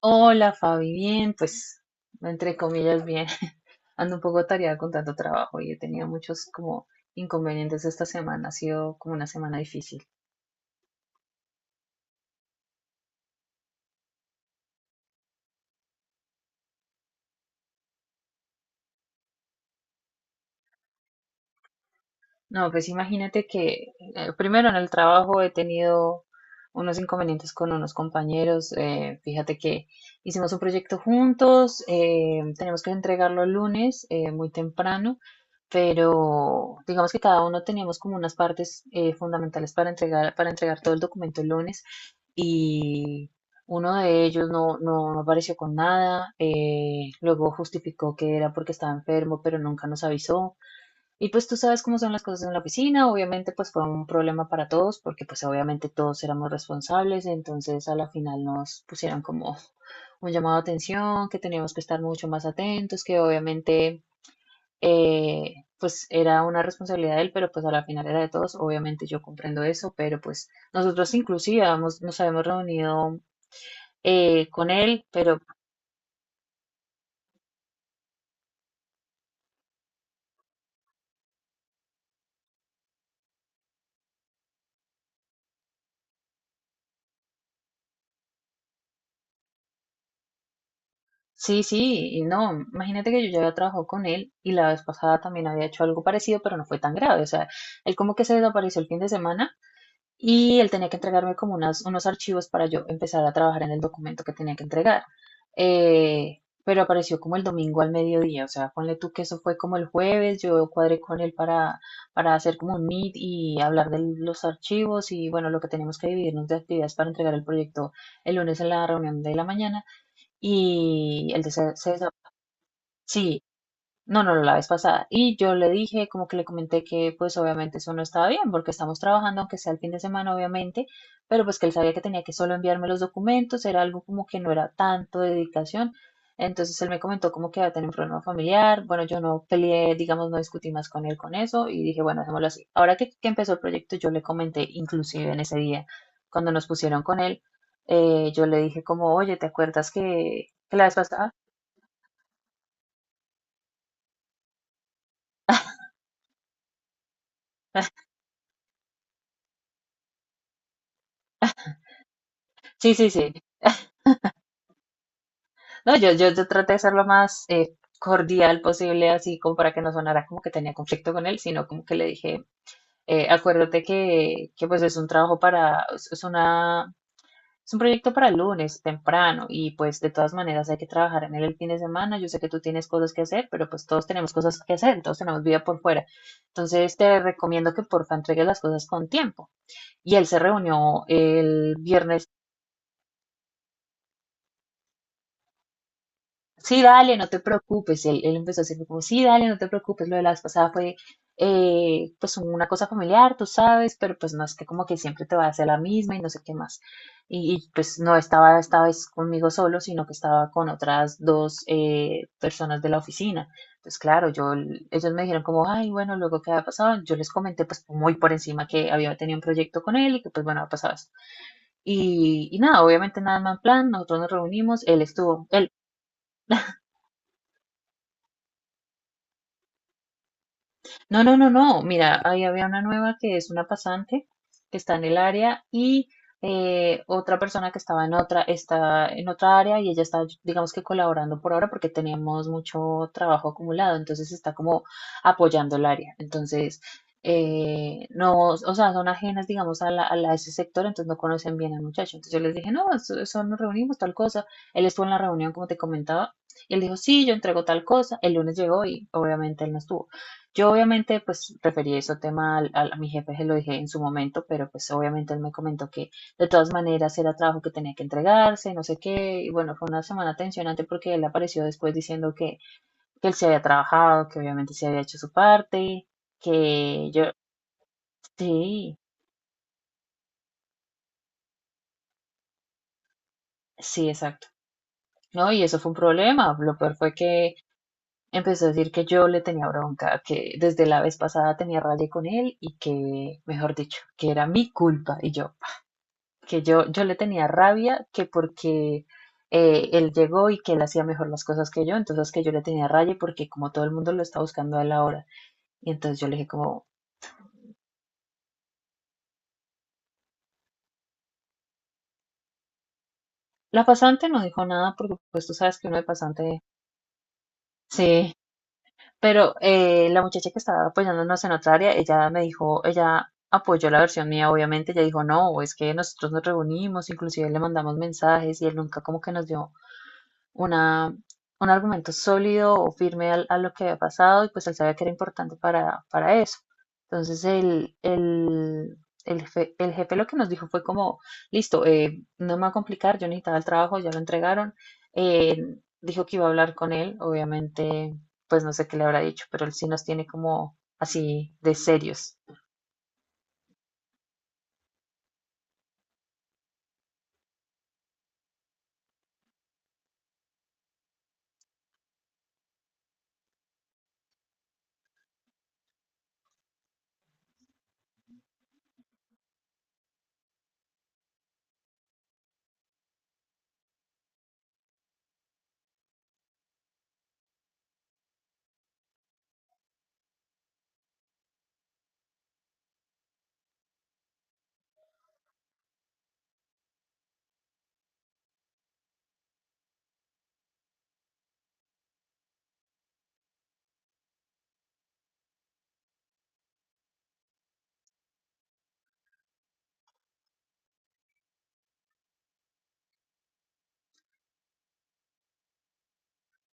Hola Fabi, bien, pues entre comillas bien. Ando un poco atareada con tanto trabajo y he tenido muchos como inconvenientes esta semana. Ha sido como una semana difícil. No, pues imagínate que primero en el trabajo he tenido unos inconvenientes con unos compañeros. Fíjate que hicimos un proyecto juntos, tenemos que entregarlo el lunes muy temprano, pero digamos que cada uno teníamos como unas partes fundamentales para entregar todo el documento el lunes y uno de ellos no apareció con nada, luego justificó que era porque estaba enfermo, pero nunca nos avisó. Y pues tú sabes cómo son las cosas en la oficina, obviamente pues fue un problema para todos porque pues obviamente todos éramos responsables, entonces a la final nos pusieron como un llamado de atención, que teníamos que estar mucho más atentos, que obviamente pues era una responsabilidad de él, pero pues a la final era de todos. Obviamente yo comprendo eso, pero pues nosotros inclusive nos habíamos reunido con él, pero sí, sí, y no, imagínate que yo ya había trabajado con él y la vez pasada también había hecho algo parecido, pero no fue tan grave. O sea, él como que se desapareció el fin de semana y él tenía que entregarme como unos archivos para yo empezar a trabajar en el documento que tenía que entregar. Eh, pero apareció como el domingo al mediodía. O sea, ponle tú que eso fue como el jueves, yo cuadré con él para hacer como un meet y hablar de los archivos y bueno, lo que tenemos que dividirnos de actividades para entregar el proyecto el lunes en la reunión de la mañana. Y el de César, sí, no, no, no, la vez pasada. Y yo le dije, como que le comenté que pues obviamente eso no estaba bien, porque estamos trabajando, aunque sea el fin de semana, obviamente, pero pues que él sabía que tenía que solo enviarme los documentos, era algo como que no era tanto de dedicación. Entonces él me comentó como que iba a tener un problema familiar. Bueno, yo no peleé, digamos, no discutí más con él con eso y dije, bueno, hacémoslo así. Ahora que empezó el proyecto, yo le comenté, inclusive en ese día, cuando nos pusieron con él, yo le dije como, oye, ¿te acuerdas que la vez pasada? Sí, sí, sí. No, yo traté de ser lo más cordial posible, así como para que no sonara como que tenía conflicto con él, sino como que le dije, acuérdate que pues es un trabajo para, es una, es un proyecto para el lunes temprano y pues de todas maneras hay que trabajar en él el fin de semana. Yo sé que tú tienes cosas que hacer, pero pues todos tenemos cosas que hacer, todos tenemos vida por fuera. Entonces te recomiendo que porfa entregues las cosas con tiempo. Y él se reunió el viernes sí, dale, no te preocupes. Él empezó a decirme como, sí, dale, no te preocupes. Lo de la vez pasada fue pues una cosa familiar, tú sabes, pero pues no es que como que siempre te va a hacer la misma y no sé qué más. Pues no estaba esta vez conmigo solo, sino que estaba con otras dos personas de la oficina. Pues claro, yo, ellos me dijeron como, ay, bueno, luego qué había pasado. Yo les comenté pues muy por encima que había tenido un proyecto con él y que pues bueno, ha pasado esto. Nada, obviamente nada más plan, nosotros nos reunimos, él estuvo, él no, no, no, no. Mira, ahí había una nueva que es una pasante que está en el área y otra persona que estaba en otra, está en otra área y ella está, digamos que colaborando por ahora porque teníamos mucho trabajo acumulado, entonces está como apoyando el área. Entonces, no, o sea, son ajenas, digamos, a ese sector, entonces no conocen bien al muchacho. Entonces yo les dije, no, eso nos reunimos, tal cosa. Él estuvo en la reunión, como te comentaba, y él dijo, sí, yo entrego tal cosa. El lunes llegó y obviamente él no estuvo. Yo obviamente pues referí ese tema a mi jefe, se lo dije en su momento, pero pues obviamente él me comentó que de todas maneras era trabajo que tenía que entregarse, no sé qué, y bueno, fue una semana tensionante porque él apareció después diciendo que él se había trabajado, que obviamente se había hecho su parte, que yo, sí, sí, exacto, ¿no? Y eso fue un problema. Lo peor fue que empezó a decir que yo le tenía bronca, que desde la vez pasada tenía raya con él y que, mejor dicho, que era mi culpa, y yo... que yo le tenía rabia que porque él llegó y que él hacía mejor las cosas que yo, entonces que yo le tenía rabia porque como todo el mundo lo está buscando a él ahora. Y entonces yo le dije como, la pasante no dijo nada porque pues tú sabes que uno de pasante, sí, pero la muchacha que estaba apoyándonos en otra área, ella me dijo, ella apoyó la versión mía, obviamente, ella dijo, no, es que nosotros nos reunimos, inclusive le mandamos mensajes y él nunca como que nos dio una, un argumento sólido o firme a lo que había pasado y pues él sabía que era importante para eso. Entonces jefe, el jefe lo que nos dijo fue como, listo, no me va a complicar, yo necesitaba el trabajo, ya lo entregaron. Eh, Dijo que iba a hablar con él, obviamente, pues no sé qué le habrá dicho, pero él sí nos tiene como así de serios.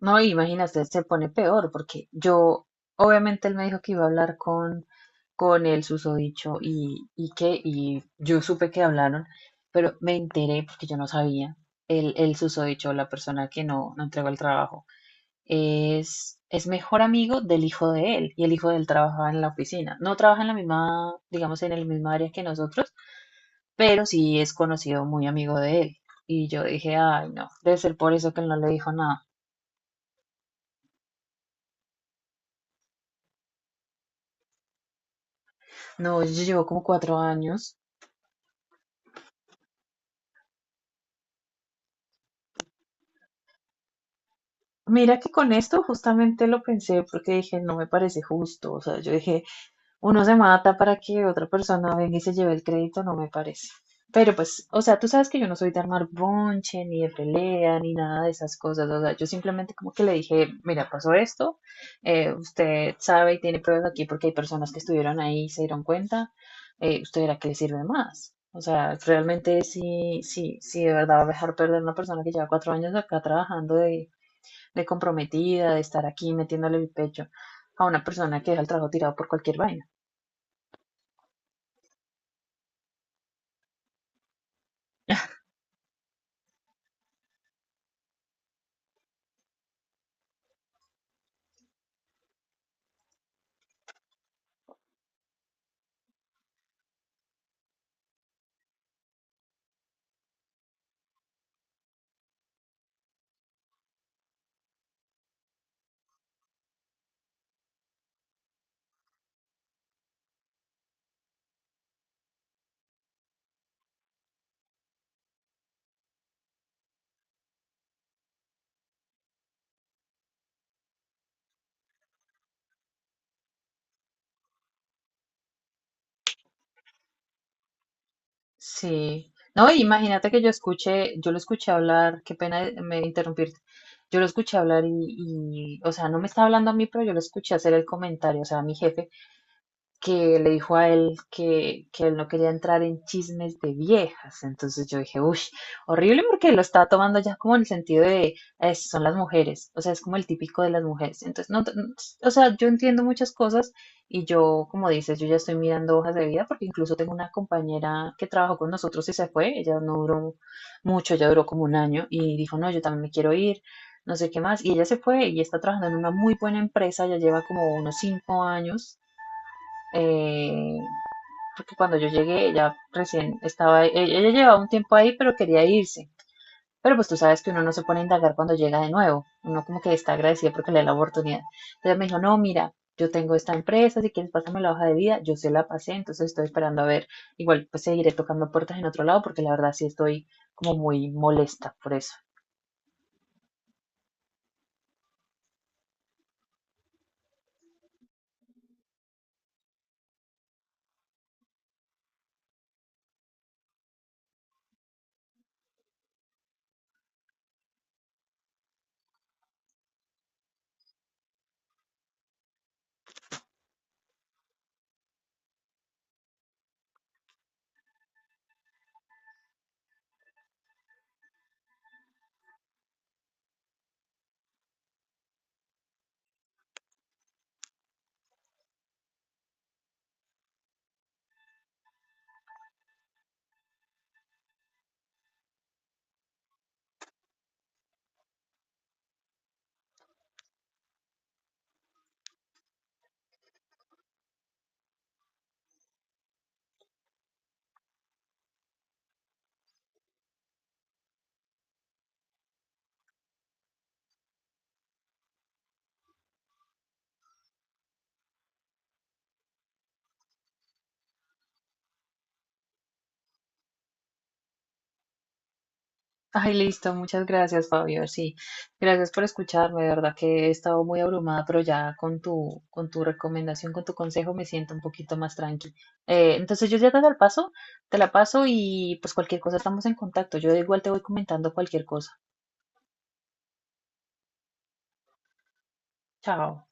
No, imagínate, se pone peor porque yo, obviamente él me dijo que iba a hablar con el susodicho y yo supe que hablaron, pero me enteré porque yo no sabía. El susodicho, la persona que no entregó el trabajo, es mejor amigo del hijo de él y el hijo de él trabaja en la oficina. No trabaja en la misma, digamos, en el mismo área que nosotros, pero sí es conocido, muy amigo de él. Y yo dije, ay, no, debe ser por eso que él no le dijo nada. No, yo llevo como 4 años. Mira que con esto justamente lo pensé porque dije, no me parece justo. O sea, yo dije, uno se mata para que otra persona venga y se lleve el crédito, no me parece. Pero pues, o sea, tú sabes que yo no soy de armar bonche, ni de pelea, ni nada de esas cosas. O sea, yo simplemente como que le dije, mira, pasó esto, usted sabe y tiene pruebas aquí porque hay personas que estuvieron ahí y se dieron cuenta, usted verá que le sirve más. O sea, realmente sí, sí, sí, de verdad va a dejar perder una persona que lleva 4 años acá trabajando de comprometida, de estar aquí metiéndole el pecho a una persona que deja el trabajo tirado por cualquier vaina. Sí, no, y imagínate que yo lo escuché hablar, qué pena me interrumpirte, yo lo escuché hablar o sea, no me estaba hablando a mí, pero yo lo escuché hacer el comentario, o sea, a mi jefe, que le dijo a él que él no quería entrar en chismes de viejas. Entonces yo dije, uff, horrible porque lo estaba tomando ya como en el sentido de, son las mujeres, o sea, es como el típico de las mujeres". Entonces, no, no, o sea, yo entiendo muchas cosas y yo, como dices, yo ya estoy mirando hojas de vida porque incluso tengo una compañera que trabajó con nosotros y se fue, ella no duró mucho, ella duró como 1 año y dijo, no, yo también me quiero ir. No sé qué más, y ella se fue y está trabajando en una muy buena empresa, ya lleva como unos 5 años eh, porque cuando yo llegué, ella recién estaba, ella llevaba un tiempo ahí, pero quería irse. Pero pues tú sabes que uno no se pone a indagar cuando llega de nuevo, uno como que está agradecido porque le da la oportunidad. Entonces me dijo, no, mira, yo tengo esta empresa, si quieres pásame la hoja de vida, yo se la pasé, entonces estoy esperando a ver, igual pues seguiré tocando puertas en otro lado porque la verdad sí estoy como muy molesta por eso. Ay, listo, muchas gracias, Fabio. Sí, gracias por escucharme. De verdad que he estado muy abrumada, pero ya con con tu recomendación, con tu consejo, me siento un poquito más tranqui. Entonces yo ya te la paso y pues cualquier cosa estamos en contacto. Yo igual te voy comentando cualquier cosa. Chao.